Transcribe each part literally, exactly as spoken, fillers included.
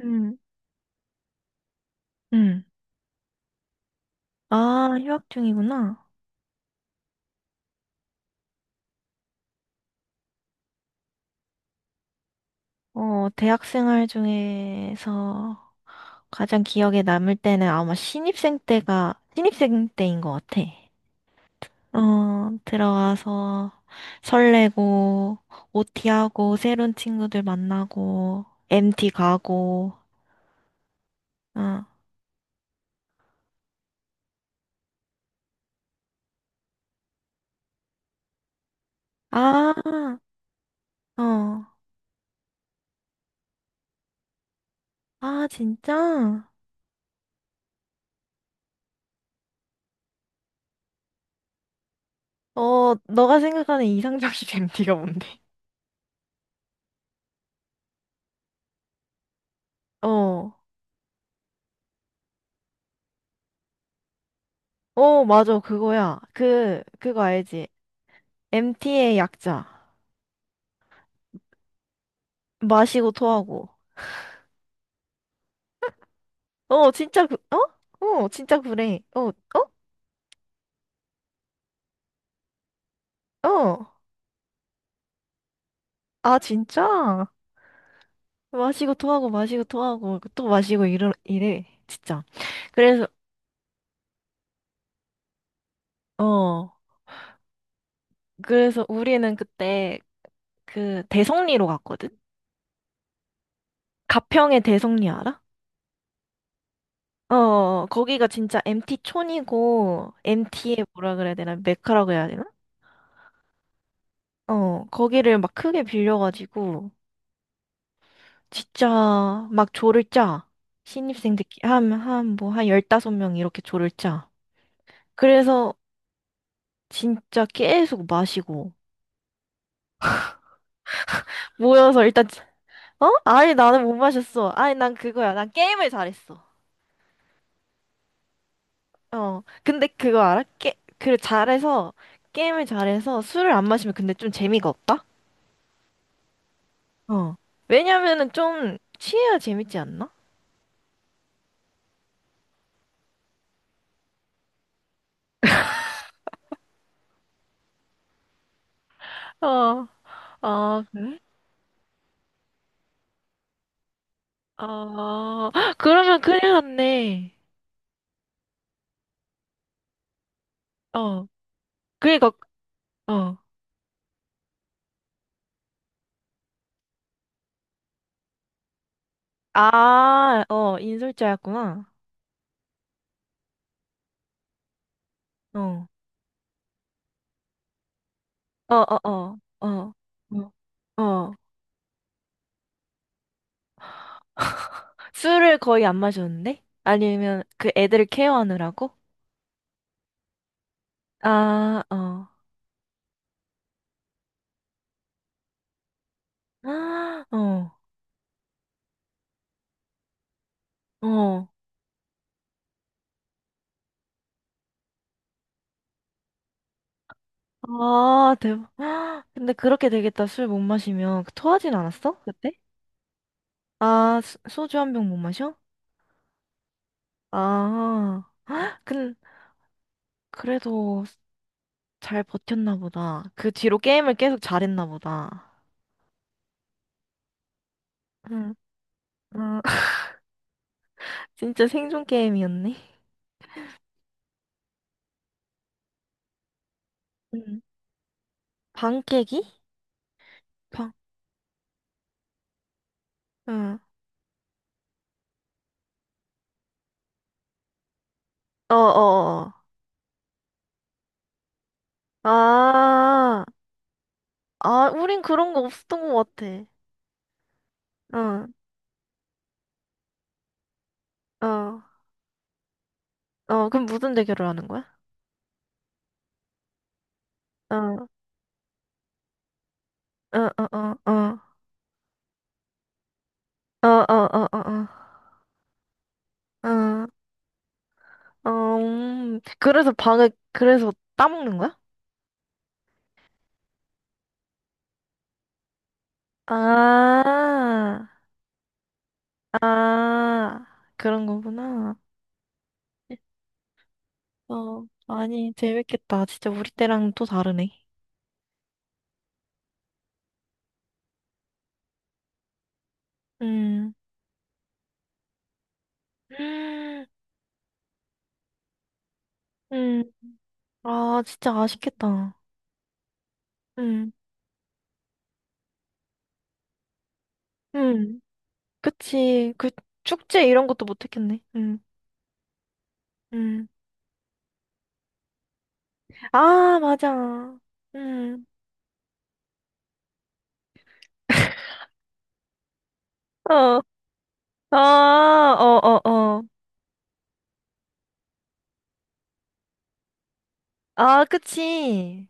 음, 음. 아, 휴학 중이구나. 어, 대학 생활 중에서 가장 기억에 남을 때는 아마 신입생 때가, 신입생 때인 것 같아. 어, 들어가서 설레고, 오티하고, 새로운 친구들 만나고, 엠티 가고, 어. 아, 어. 아, 진짜? 어, 너가 생각하는 이상적인 엠티가 뭔데? 어. 어, 맞아, 그거야. 그, 그거 알지? 엠티의 약자. 마시고 토하고. 어, 진짜 그, 어? 어, 진짜 그래. 어, 어? 어. 아, 진짜? 마시고 토하고 마시고 토하고 또 마시고 이러, 이래. 진짜. 그래서, 어. 그래서 우리는 그때 그 대성리로 갔거든? 가평의 대성리 알아? 어, 어, 어. 거기가 진짜 엠티 촌이고, 엠티의 뭐라 그래야 되나? 메카라고 해야 되나? 어, 거기를 막 크게 빌려가지고, 진짜 막 조를 짜. 신입생들끼리 한, 한, 뭐, 한 열다섯 명 이렇게 조를 짜. 그래서 진짜 계속 마시고. 모여서 일단, 어? 아니, 나는 못 마셨어. 아니, 난 그거야. 난 게임을 잘했어. 어. 근데 그거 알아? 게, 그 잘해서, 게임을 잘해서 술을 안 마시면 근데 좀 재미가 없다? 어. 왜냐면은 좀 취해야 재밌지 않나? 어, 아 그래? 어, 그러면 큰일 났네. 어, 그러니까, 어. 아, 어, 인솔자였구나. 어, 어, 어, 어, 어, 어. 어. 술을 거의 안 마셨는데? 아니면 그 애들을 케어하느라고? 아, 어. 아, 어, 어. 아, 대박. 근데 그렇게 되겠다. 술 못 마시면. 그 토하진 않았어? 그때? 아, 수- 소주 한 병 못 마셔? 아, 근 그래도 잘 버텼나 보다. 그 뒤로 게임을 계속 잘했나 보다. 응. 진짜 생존 게임이었네. 응. 방 깨기? 방. 응. 어어어. 아, 아, 우린 그런 거 없었던 것 같아. 응, 어, 어, 그럼 무슨 대결을 하는 거야? 어, 어, 어, 어, 어, 어, 어, 어, 어, 어, 어, 어, 음. 그래서 방을, 그래서 따먹는 거야? 아, 아, 그런 거구나. 어, 아니, 재밌겠다. 진짜 우리 때랑 또 다르네. 음. 음, 음. 아, 진짜 아쉽겠다. 음, 음, 그치. 그 축제 이런 것도 못 했겠네. 음, 음. 아, 맞아. 음, 어, 아, 어, 어, 어. 아, 그치.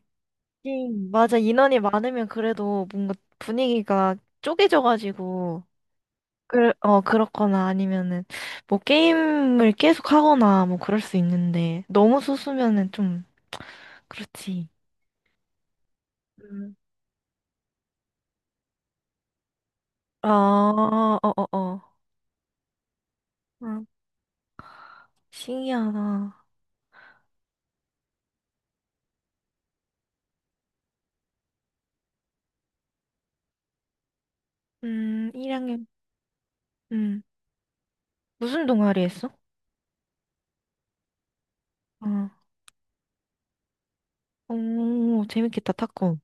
음, 맞아. 인원이 많으면 그래도 뭔가 분위기가 쪼개져가지고, 그, 어, 그렇거나 아니면은, 뭐 게임을 계속 하거나 뭐 그럴 수 있는데, 너무 소수면은 좀, 그렇지. 아, 어어어. 아, 신기하다. 음, 일 학년, 음, 무슨 동아리 했어? 어, 오, 재밌겠다, 탁구.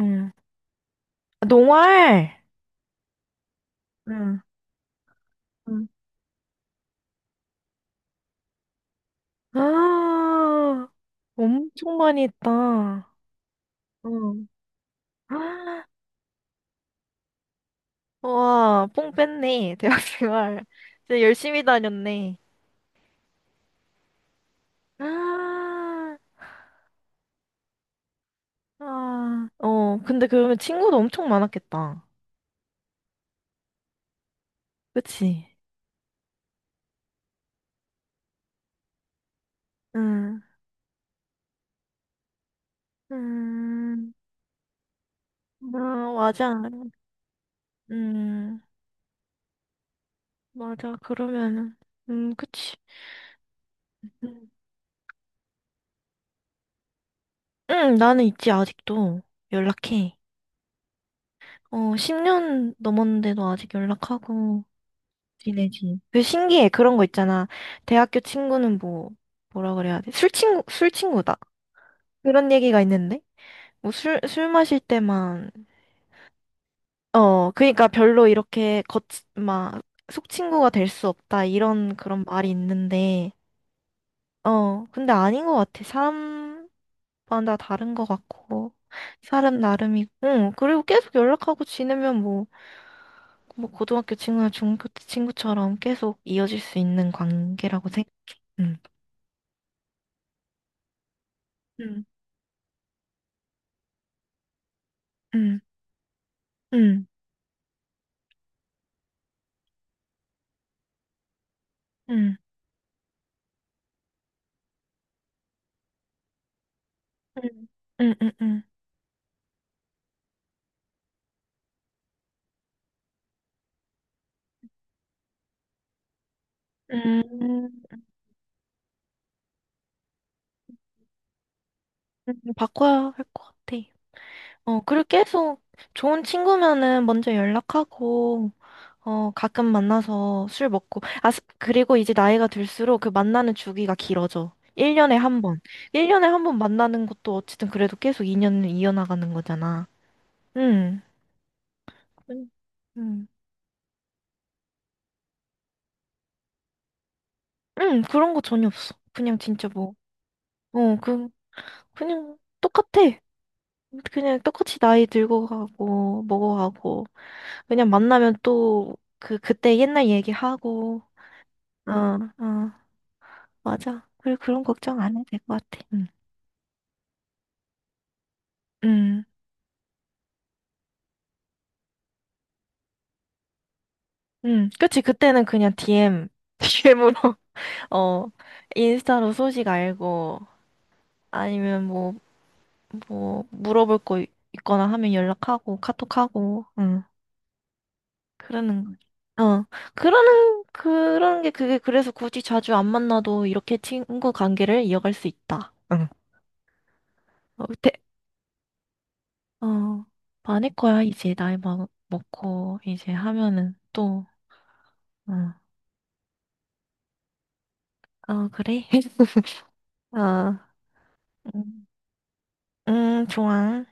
응. 아, 농활! 응, 응. 아, 엄청 많이 했다. 응. 아, 와, 뽕 뺐네, 대학 생활. 진짜 열심히 다녔네. 아, 아, 어, 근데 그러면 친구도 엄청 많았겠다. 그치? 응. 음. 아, 맞아. 음, 맞아. 그러면은, 음, 그치. 음, 응, 나는 있지, 아직도. 연락해. 어, 십 년 넘었는데도 아직 연락하고 지내지. 그 신기해. 그런 거 있잖아. 대학교 친구는 뭐, 뭐라 그래야 돼? 술 친구, 술 친구다. 그런 얘기가 있는데? 뭐 술, 술 마실 때만, 어, 그니까 별로 이렇게 겉, 막, 속 친구가 될 수 없다. 이런 그런 말이 있는데, 어, 근데 아닌 것 같아. 사람, 마다 다른 것 같고 사람 나름이고 응, 그리고 계속 연락하고 지내면 뭐, 뭐 고등학교 친구나 중학교 때 친구처럼 계속 이어질 수 있는 관계라고 생각해. 응. 응. 응. 응. 응. 응. 응. 응. 응. 음, 음, 바꿔야 할 것 같아. 어, 그리고 계속 좋은 친구면은 먼저 연락하고 어, 가끔 만나서 술 먹고. 아, 스- 그리고 이제 나이가 들수록 그 만나는 주기가 길어져. 일 년에 한 번. 일 년에 한 번 만나는 것도 어쨌든 그래도 계속 이 년을 이어나가는 거잖아. 응, 응 응 응, 그런 거 전혀 없어. 그냥 진짜 뭐, 어, 그, 그냥 똑같아. 그냥 똑같이 나이 들고 가고, 먹어가고. 그냥 만나면 또, 그, 그때 옛날 얘기하고. 어, 어, 맞아. 그리고 그런 걱정 안 해도 될 것 같아. 응, 응. 음, 그치. 그때는 그냥 디엠, 디엠으로, 어, 인스타로 소식 알고, 아니면 뭐, 뭐, 물어볼 거 있- 있거나 하면 연락하고, 카톡하고, 응, 그러는 거지. 어, 그러는, 그러는 게 그게 그래서 굳이 자주 안 만나도 이렇게 친구 관계를 이어갈 수 있다. 응. 어, 대, 어, 많을 거야, 이제 나이 먹, 먹고, 이제 하면은 또, 응. 어, 그래? 어, 음, 음, 좋아.